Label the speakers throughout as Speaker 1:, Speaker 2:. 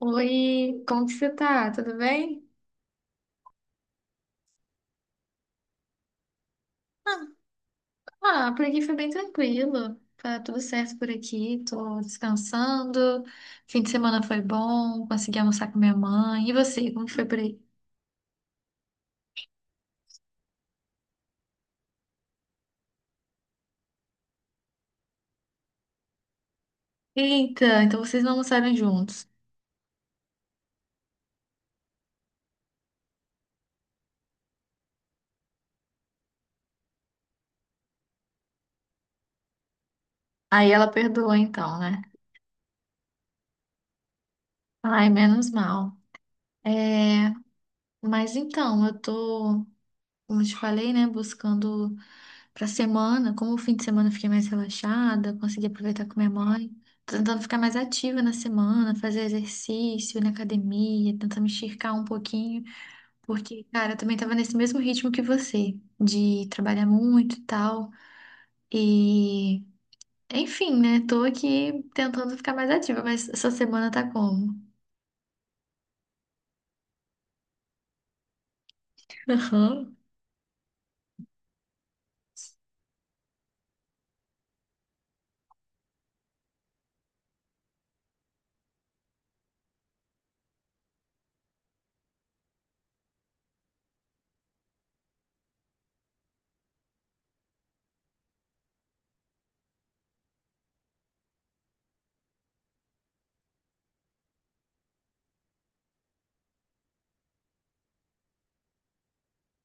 Speaker 1: Oi, como que você tá? Tudo bem? Ah, por aqui foi bem tranquilo. Tá tudo certo por aqui, tô descansando. Fim de semana foi bom, consegui almoçar com minha mãe. E você, como que foi por aí? Eita, então vocês não almoçaram juntos. Aí ela perdoa então, né? Ai, menos mal. É, mas então, eu tô como eu te falei, né? Buscando pra semana, como o fim de semana eu fiquei mais relaxada, consegui aproveitar com minha mãe. Tô tentando ficar mais ativa na semana, fazer exercício ir na academia, tentar me esticar um pouquinho, porque, cara, eu também tava nesse mesmo ritmo que você, de trabalhar muito e tal. E, enfim, né? Tô aqui tentando ficar mais ativa, mas essa semana tá como? Aham.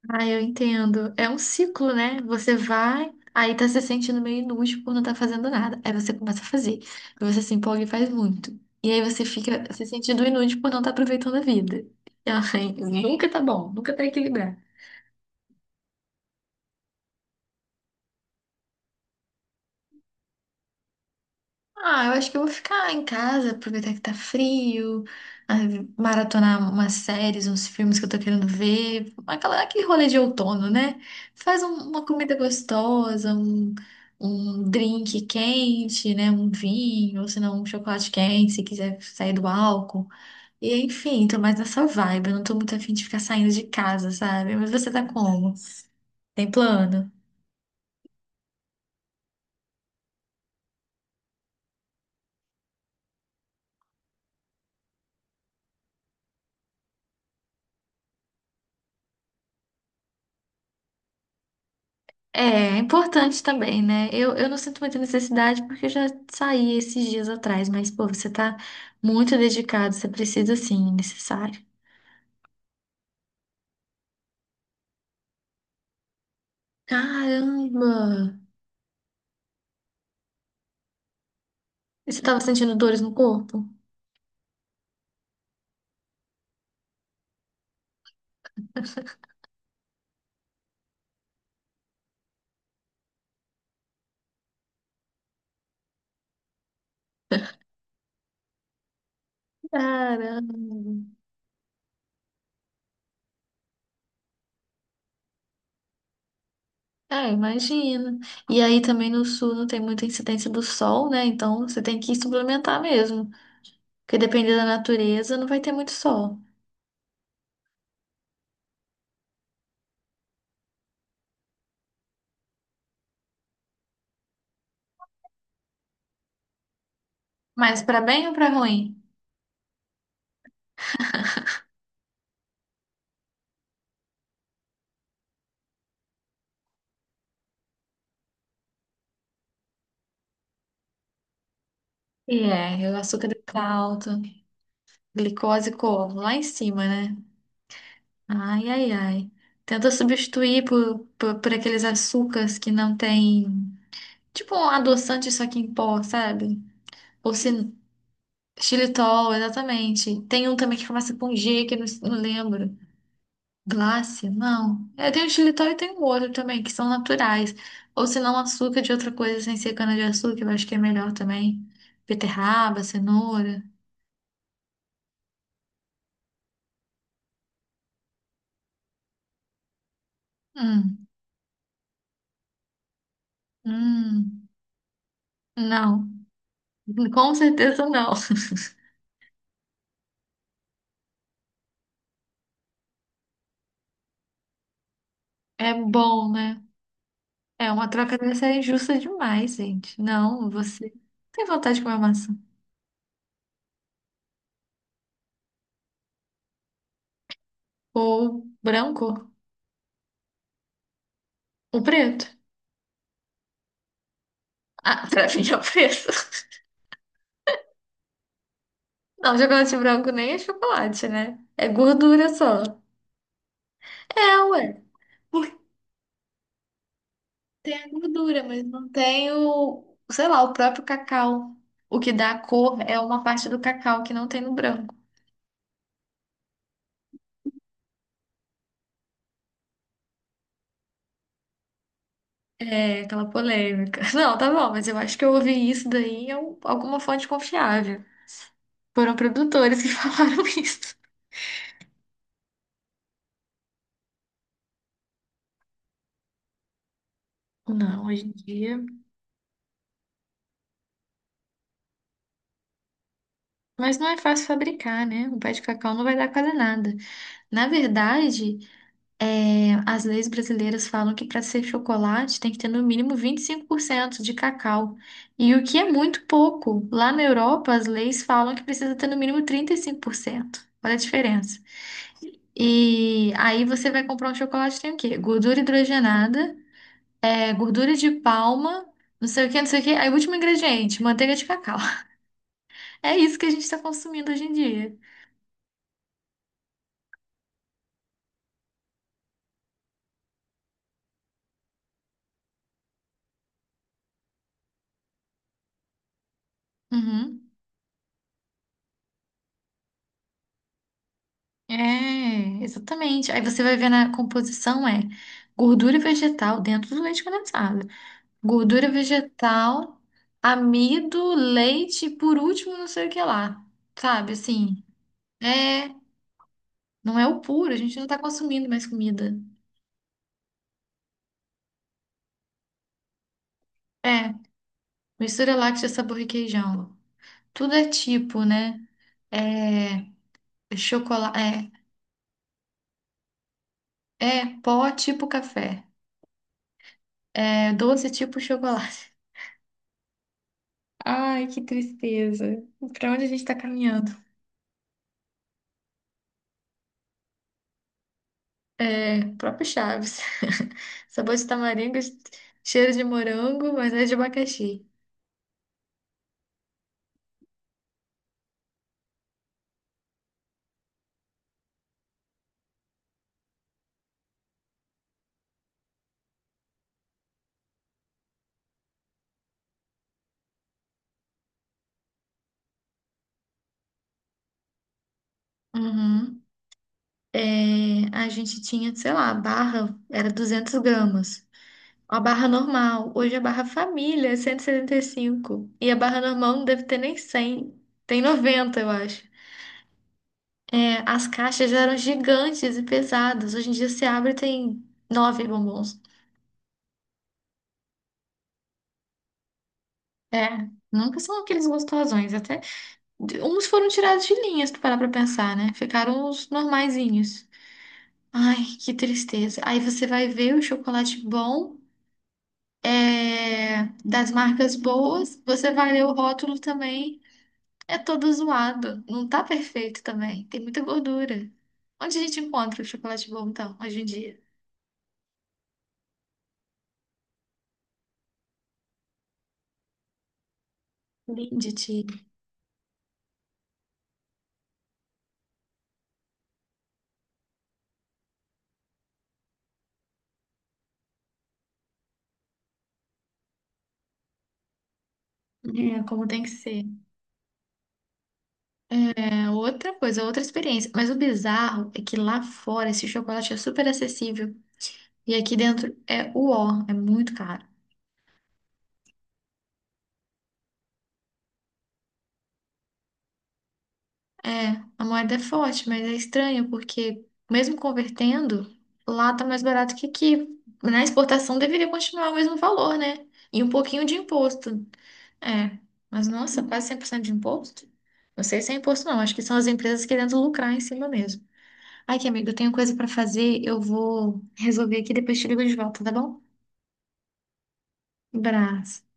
Speaker 1: Ah, eu entendo. É um ciclo, né? Você vai, aí tá se sentindo meio inútil por não tá fazendo nada. Aí você começa a fazer. Aí você se empolga e faz muito. E aí você fica se sentindo inútil por não tá aproveitando a vida. E, ai, nunca tá. Ah, eu acho que eu vou ficar em casa, aproveitar que tá frio, ah, maratonar umas séries, uns filmes que eu tô querendo ver, aquele rolê de outono, né? Faz uma comida gostosa, um drink quente, né? Um vinho, ou se não, um chocolate quente, se quiser sair do álcool. E enfim, tô mais nessa vibe, eu não tô muito afim de ficar saindo de casa, sabe? Mas você tá como? Tem plano? É, é importante também, né? Eu não sinto muita necessidade porque eu já saí esses dias atrás, mas, pô, você tá muito dedicado, você precisa sim, é necessário. Caramba! E você tava sentindo dores no corpo? Caramba! É, imagina. E aí também no sul não tem muita incidência do sol, né? Então você tem que suplementar mesmo, porque dependendo da natureza não vai ter muito sol. Mas pra bem ou pra ruim? E é, o açúcar tá alto, glicose como? Lá em cima, né? Ai, ai, ai. Tenta substituir por aqueles açúcares que não tem. Tipo um adoçante, só que em pó, sabe? Ou se. Xilitol, exatamente. Tem um também que começa com G, que eu não lembro. Glácia? Não. É, tem o xilitol e tem um outro também, que são naturais. Ou se não, açúcar de outra coisa sem ser cana-de-açúcar, eu acho que é melhor também. Beterraba, cenoura. Hum, hum. Não. Com certeza não. É bom, né? É, uma troca dessa é injusta demais, gente. Não, você tem vontade de comer maçã. Ou branco. Ou preto. Ah, pra mim é o preto. Não, chocolate branco nem é chocolate, né? É gordura só. É, ué. Porque tem a gordura, mas não tem o, sei lá, o próprio cacau. O que dá a cor é uma parte do cacau que não tem no branco. É aquela polêmica. Não, tá bom, mas eu acho que eu ouvi isso daí em alguma fonte confiável. Foram produtores que falaram isso. Não, hoje em dia. Mas não é fácil fabricar, né? O pé de cacau não vai dar quase nada. Na verdade, é, as leis brasileiras falam que para ser chocolate tem que ter no mínimo 25% de cacau. E o que é muito pouco. Lá na Europa, as leis falam que precisa ter no mínimo 35%. Olha a diferença. E aí você vai comprar um chocolate, tem o quê? Gordura hidrogenada, é, gordura de palma, não sei o quê, não sei o quê. Aí o último ingrediente, manteiga de cacau. É isso que a gente está consumindo hoje em dia. Uhum. É, exatamente. Aí você vai ver na composição é gordura vegetal dentro do leite condensado. Gordura vegetal, amido, leite, e por último, não sei o que lá. Sabe, assim, é, não é o puro, a gente não tá consumindo mais comida. É, mistura láctea, sabor e queijão. Tudo é tipo, né? É, chocolate, é pó tipo café. É doce tipo chocolate. Ai, que tristeza. Pra onde a gente tá caminhando? É, próprio Chaves. Sabor de tamaringo, cheiro de morango, mas é de abacaxi. Uhum. É, a gente tinha, sei lá, a barra era 200 gramas. A barra normal, hoje a barra família é cento e setenta e cinco. E a barra normal não deve ter nem 100. Tem 90, eu acho. É, as caixas eram gigantes e pesadas. Hoje em dia você abre e tem nove bombons. É, nunca são aqueles gostosões, até. Uns foram tirados de linhas, pra parar pra pensar, né? Ficaram os normaizinhos. Ai, que tristeza. Aí você vai ver o chocolate bom, é, das marcas boas, você vai ler o rótulo também, é todo zoado. Não tá perfeito também, tem muita gordura. Onde a gente encontra o chocolate bom, então, hoje em dia? Linde, tia. É, como tem que ser. É outra coisa, outra experiência. Mas o bizarro é que lá fora esse chocolate é super acessível. E aqui dentro é o ó, é muito caro. É, a moeda é forte, mas é estranho porque mesmo convertendo, lá tá mais barato que aqui. Na exportação deveria continuar o mesmo valor, né? E um pouquinho de imposto. É, mas nossa, quase 100% de imposto? Não sei se é imposto não, acho que são as empresas querendo lucrar em cima mesmo. Ai, que amigo, eu tenho coisa pra fazer, eu vou resolver aqui, depois te ligo de volta, tá bom? Abraço.